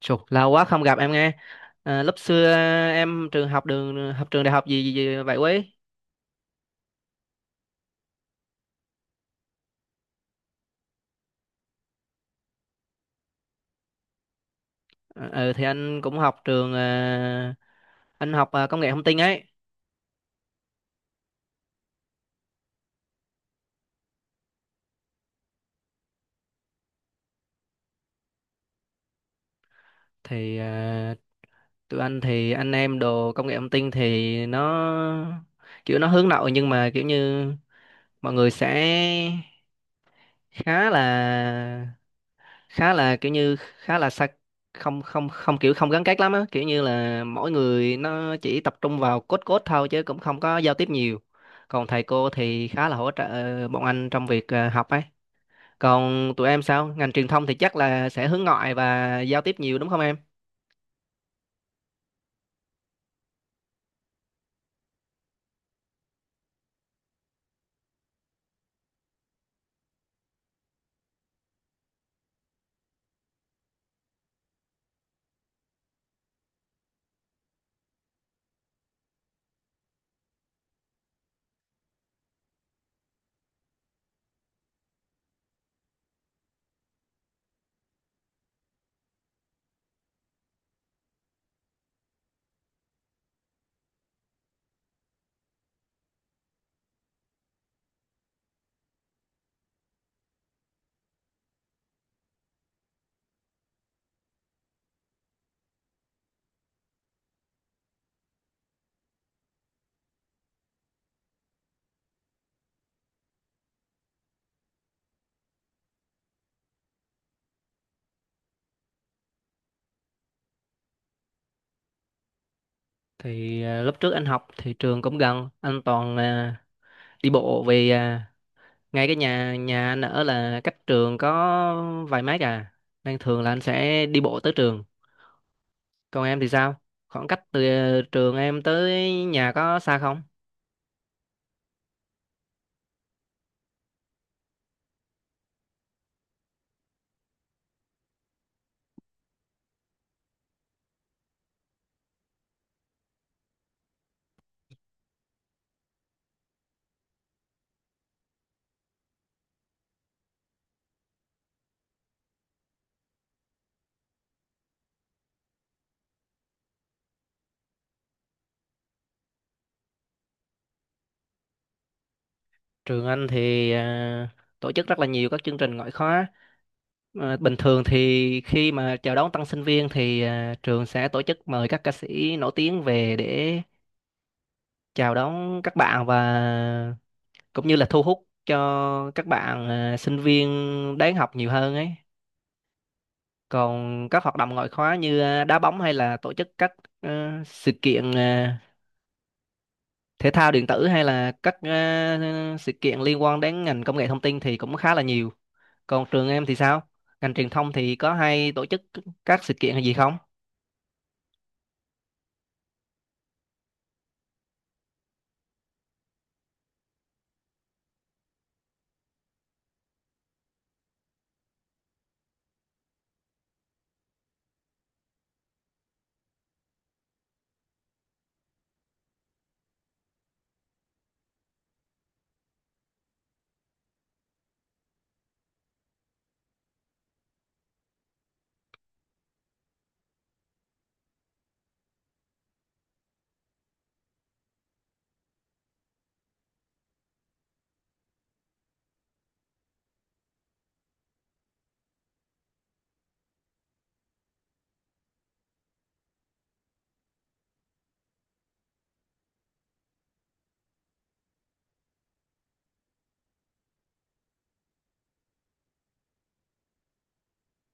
Chục, lâu quá không gặp em nghe. À, lúc xưa em trường học đường học trường đại học gì vậy quý? Ờ, Ừ thì anh cũng học trường anh học công nghệ thông tin ấy. Thì à, Tụi anh thì anh em đồ công nghệ thông tin thì nó kiểu nó hướng nội nhưng mà kiểu như mọi người sẽ khá là khá là xa. Không không không kiểu không gắn kết lắm á, kiểu như là mỗi người nó chỉ tập trung vào code code thôi chứ cũng không có giao tiếp nhiều. Còn thầy cô thì khá là hỗ trợ bọn anh trong việc học ấy. Còn tụi em sao, ngành truyền thông thì chắc là sẽ hướng ngoại và giao tiếp nhiều đúng không em? Lúc trước anh học thì trường cũng gần, anh toàn đi bộ vì ngay cái nhà nhà anh ở là cách trường có vài mét à, nên thường là anh sẽ đi bộ tới trường. Còn em thì sao? Khoảng cách từ trường em tới nhà có xa không? Trường anh thì tổ chức rất là nhiều các chương trình ngoại khóa. Ờ, bình thường thì khi mà chào đón tân sinh viên thì trường sẽ tổ chức mời các ca sĩ nổi tiếng về để chào đón các bạn và cũng như là thu hút cho các bạn sinh viên đến học nhiều hơn ấy. Còn các hoạt động ngoại khóa như đá bóng hay là tổ chức các ờ, sự kiện thể thao điện tử hay là các sự kiện liên quan đến ngành công nghệ thông tin thì cũng khá là nhiều. Còn trường em thì sao? Ngành truyền thông thì có hay tổ chức các sự kiện hay gì không?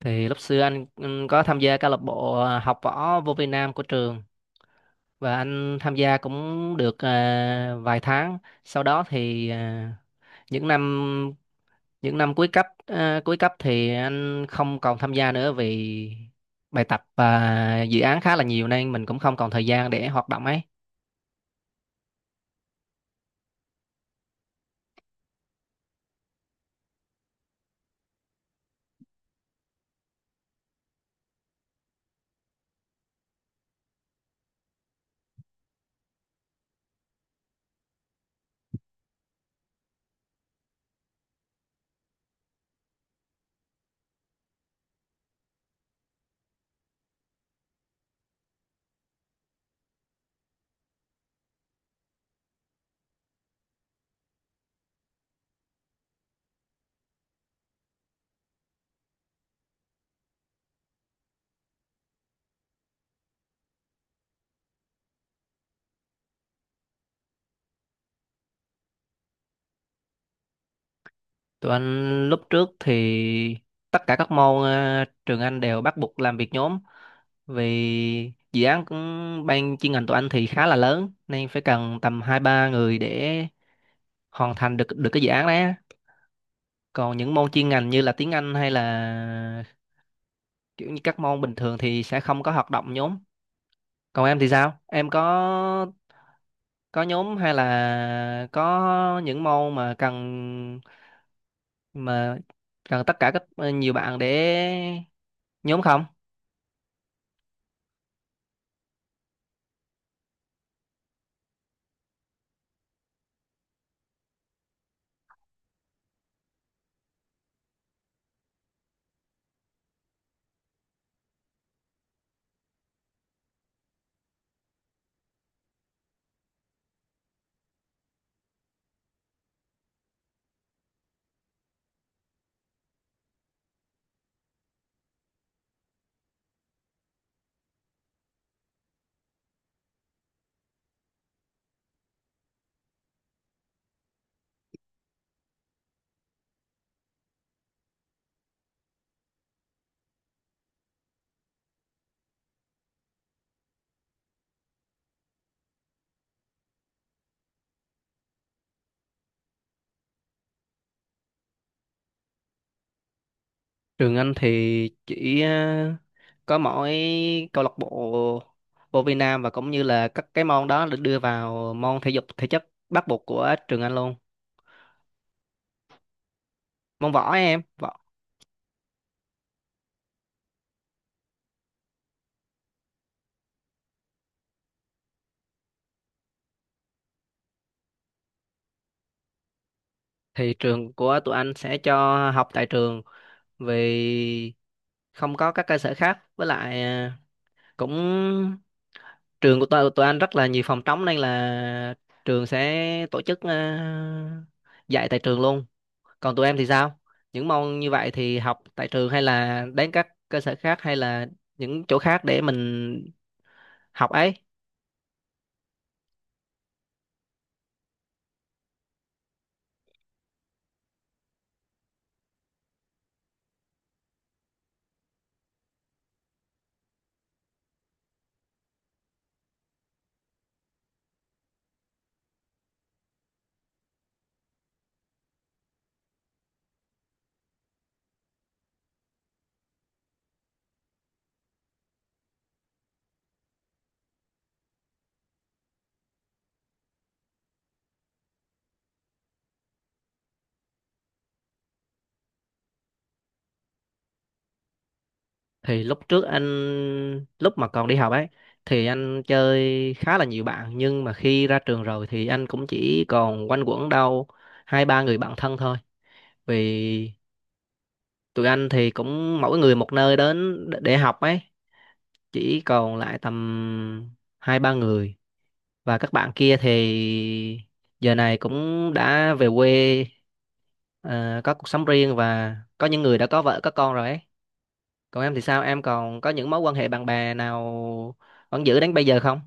Thì lúc xưa anh có tham gia câu lạc bộ học võ vô Việt Nam của trường và anh tham gia cũng được vài tháng. Sau đó thì những năm những năm cuối cấp cuối cấp thì anh không còn tham gia nữa vì bài tập và dự án khá là nhiều nên mình cũng không còn thời gian để hoạt động ấy. Tụi anh lúc trước thì tất cả các môn trường anh đều bắt buộc làm việc nhóm, vì dự án cũng ban chuyên ngành tụi anh thì khá là lớn nên phải cần tầm hai ba người để hoàn thành được được cái dự án đấy á. Còn những môn chuyên ngành như là tiếng Anh hay là kiểu như các môn bình thường thì sẽ không có hoạt động nhóm. Còn em thì sao? Em có nhóm hay là có những môn mà mà cần tất cả các nhiều bạn để nhóm không? Trường anh thì chỉ có mỗi câu lạc bộ vô vi nam, và cũng như là các cái môn đó được đưa vào môn thể dục thể chất bắt buộc của trường anh luôn, môn võ ấy, em võ. Thì trường của tụi anh sẽ cho học tại trường vì không có các cơ sở khác, với lại cũng trường của tụi anh rất là nhiều phòng trống nên là trường sẽ tổ chức dạy tại trường luôn. Còn tụi em thì sao, những môn như vậy thì học tại trường hay là đến các cơ sở khác hay là những chỗ khác để mình học ấy? Thì lúc trước anh, lúc mà còn đi học ấy, thì anh chơi khá là nhiều bạn, nhưng mà khi ra trường rồi thì anh cũng chỉ còn quanh quẩn đâu hai ba người bạn thân thôi, vì tụi anh thì cũng mỗi người một nơi đến để học ấy. Chỉ còn lại tầm hai ba người, và các bạn kia thì giờ này cũng đã về quê, có cuộc sống riêng và có những người đã có vợ có con rồi ấy. Còn em thì sao? Em còn có những mối quan hệ bạn bè nào vẫn giữ đến bây giờ không?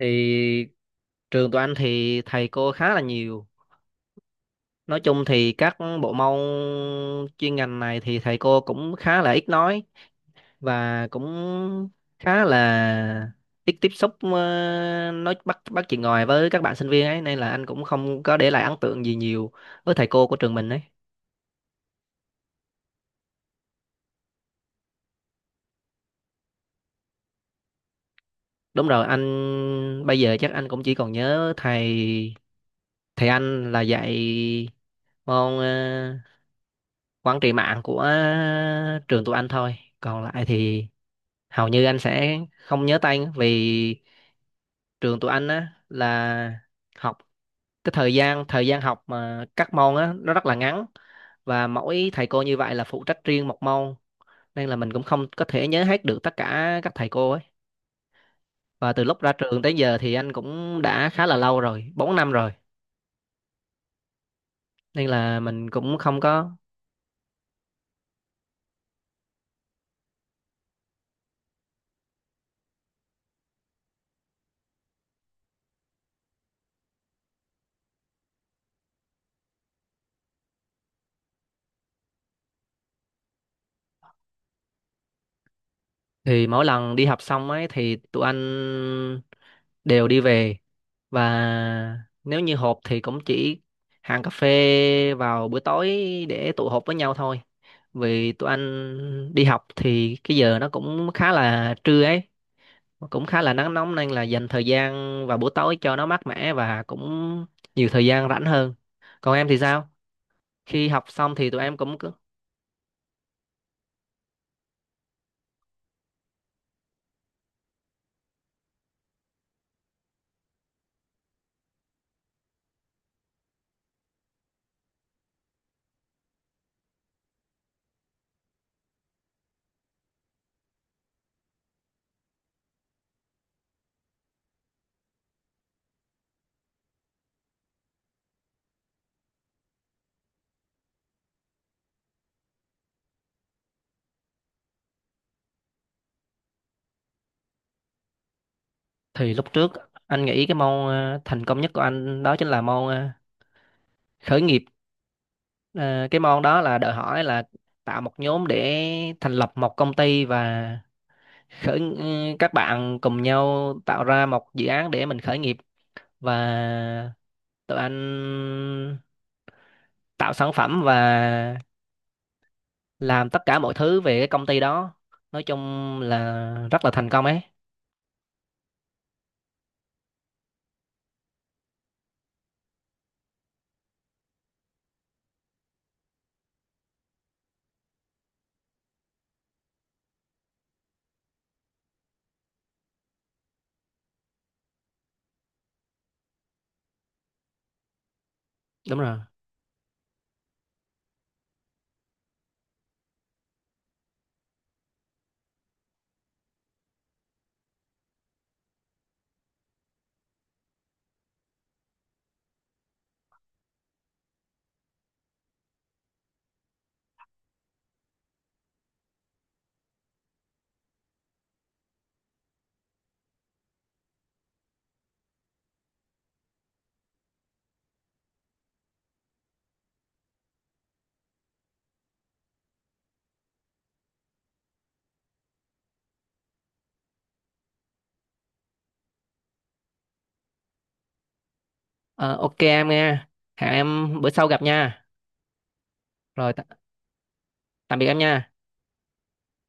Thì trường tụi anh thì thầy cô khá là nhiều. Nói chung thì các bộ môn chuyên ngành này thì thầy cô cũng khá là ít nói, và cũng khá là ít tiếp xúc, nói bắt bắt chuyện ngoài với các bạn sinh viên ấy, nên là anh cũng không có để lại ấn tượng gì nhiều với thầy cô của trường mình ấy. Đúng rồi, anh bây giờ chắc anh cũng chỉ còn nhớ thầy, thầy là dạy môn quản trị mạng của trường tụi anh thôi. Còn lại thì hầu như anh sẽ không nhớ tên, vì trường tụi anh á là học cái thời gian học mà các môn á nó rất là ngắn, và mỗi thầy cô như vậy là phụ trách riêng một môn, nên là mình cũng không có thể nhớ hết được tất cả các thầy cô ấy. Và từ lúc ra trường tới giờ thì anh cũng đã khá là lâu rồi, 4 năm rồi, nên là mình cũng không có. Thì mỗi lần đi học xong ấy thì tụi anh đều đi về, và nếu như họp thì cũng chỉ hàng cà phê vào buổi tối để tụ họp với nhau thôi, vì tụi anh đi học thì cái giờ nó cũng khá là trưa ấy, mà cũng khá là nắng nóng, nên là dành thời gian vào buổi tối cho nó mát mẻ và cũng nhiều thời gian rảnh hơn. Còn em thì sao, khi học xong thì tụi em cũng cứ? Thì lúc trước anh nghĩ cái môn thành công nhất của anh đó chính là môn khởi nghiệp. Ờ, cái môn đó là đòi hỏi là tạo một nhóm để thành lập một công ty, và khởi các bạn cùng nhau tạo ra một dự án để mình khởi nghiệp. Và tụi anh tạo sản phẩm và làm tất cả mọi thứ về cái công ty đó, nói chung là rất là thành công ấy. Đúng rồi. Ờ, ok em nghe, hẹn em bữa sau gặp nha. Rồi, tạm biệt em nha.